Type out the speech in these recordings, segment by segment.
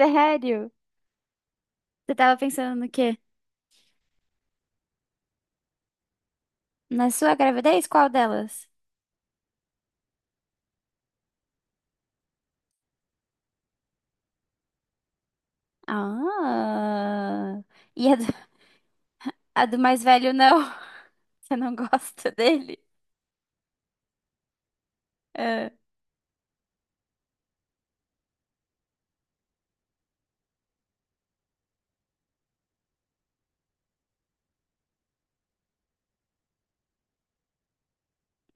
Sério? Você tava pensando no quê? Na sua gravidez? Qual delas? Ah. E a do mais velho, não. Você não gosta dele? É.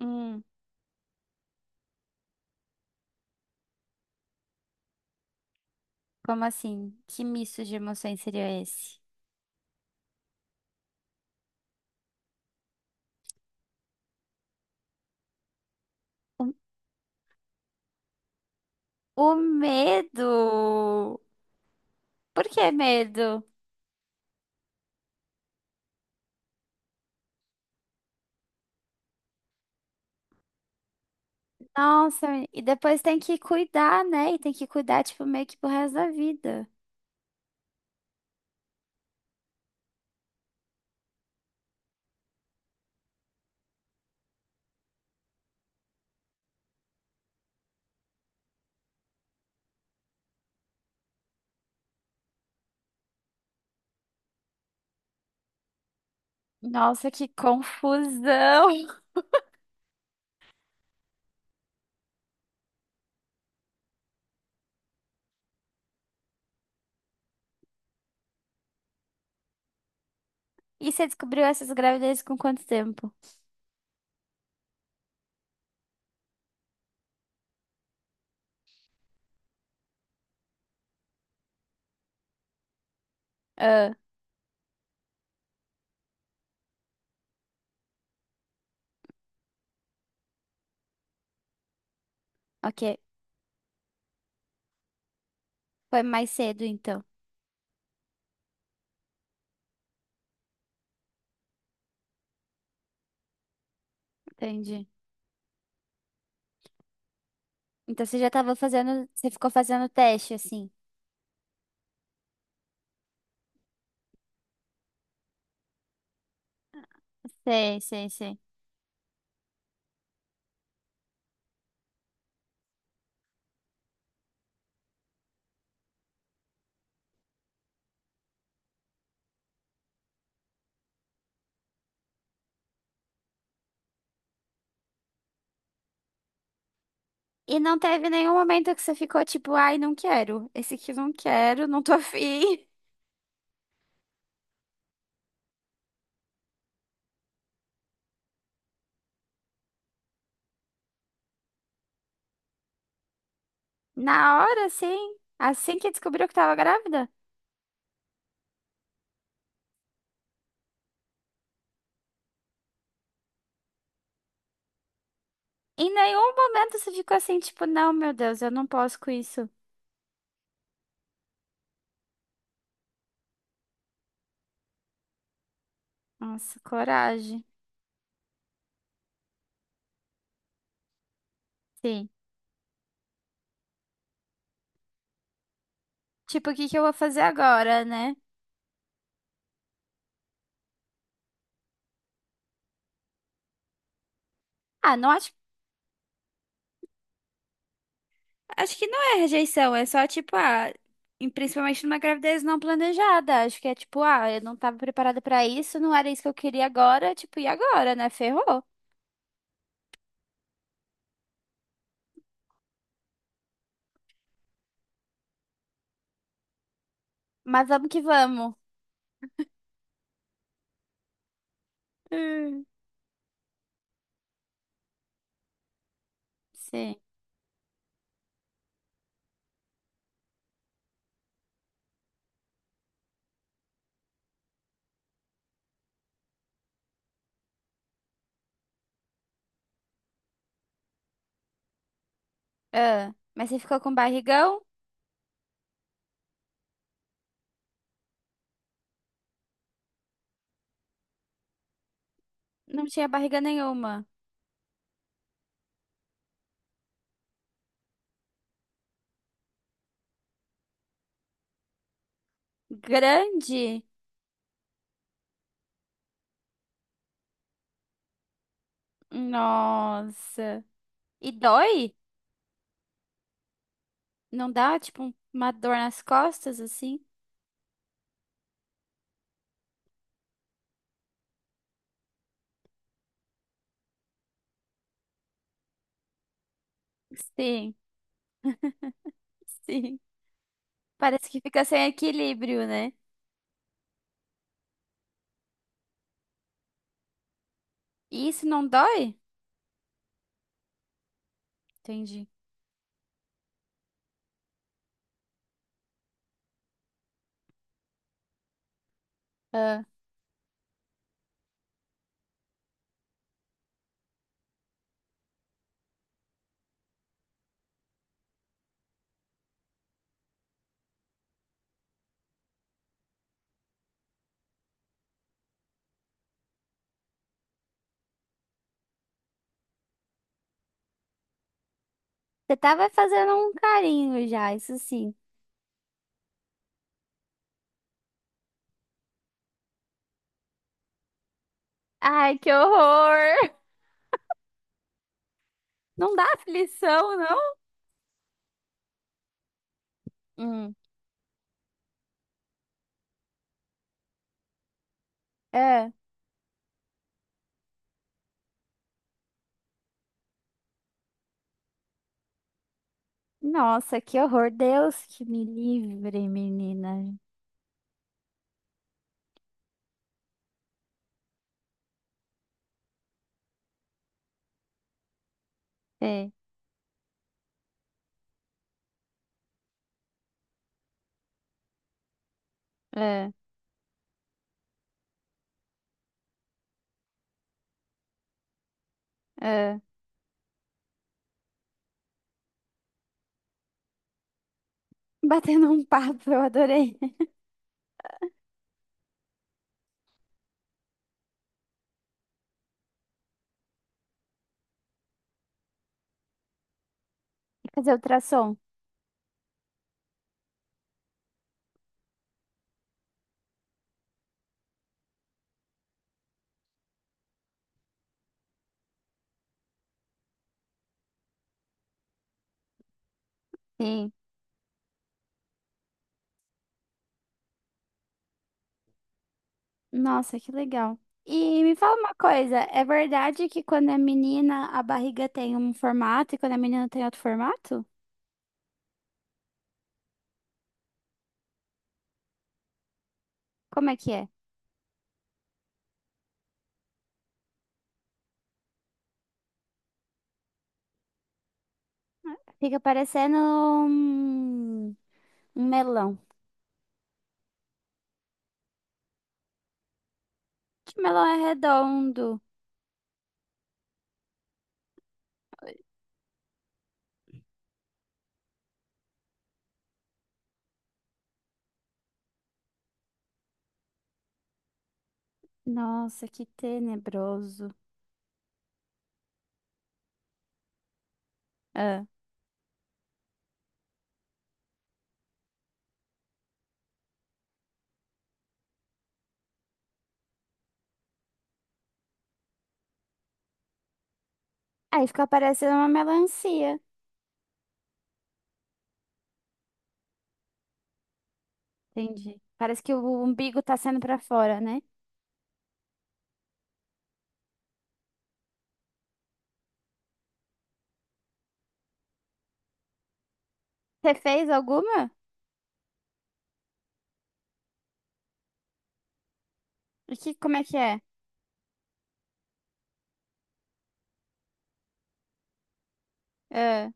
Hum, como assim? Que misto de emoções seria esse? O medo! Por que medo? Nossa, e depois tem que cuidar, né? E tem que cuidar, tipo, meio que pro resto da vida. Nossa, que confusão! E você descobriu essas gravidezes com quanto tempo? Ah. Ok. Foi mais cedo, então. Entendi. Então você já tava fazendo. Você ficou fazendo teste, assim. Sei, sei, sei. E não teve nenhum momento que você ficou tipo, ai, não quero. Esse aqui eu não quero, não tô afim. Na hora, assim. Assim que descobriu que tava grávida. Em nenhum momento você ficou assim, tipo, não, meu Deus, eu não posso com isso. Nossa, coragem. Sim. Tipo, o que que eu vou fazer agora, né? Ah, não acho. Acho que não é rejeição, é só tipo, ah, em- principalmente numa gravidez não planejada. Acho que é tipo, ah, eu não tava preparada pra isso, não era isso que eu queria agora, tipo, e agora, né? Ferrou. Mas vamos que vamos. Hum. Sim. Ah, mas você ficou com barrigão? Não tinha barriga nenhuma. Grande? Nossa. E dói? Não dá, tipo, um- uma dor nas costas, assim? Sim, sim. Parece que fica sem equilíbrio, né? E isso não dói? Entendi. Ah. Você tava fazendo um carinho já, isso sim. Ai, que horror! Não dá aflição, não? Hum. É. Nossa, que horror. Deus que me livre, menina. É, é, é. Batendo um papo, eu adorei. Fazer ultrassom. Sim. Nossa, que legal. E me fala uma coisa, é verdade que quando é menina a barriga tem um formato e quando é menina tem outro formato? Como é que é? Fica parecendo um, um melão. Que melão é redondo. Nossa, que tenebroso. Ah, aí fica parecendo uma melancia. Entendi. Parece que o umbigo tá saindo pra fora, né? Você fez alguma? E que, como é que é? Ah,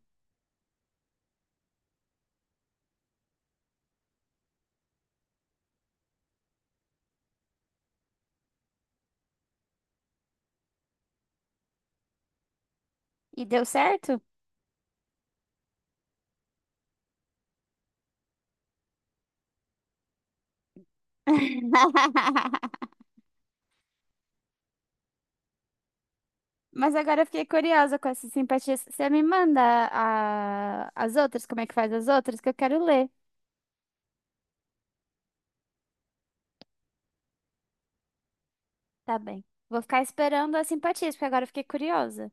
e deu certo? Mas agora eu fiquei curiosa com essas simpatias. Você me manda a- as outras, como é que faz as outras, que eu quero ler. Tá bem. Vou ficar esperando as simpatias, porque agora eu fiquei curiosa.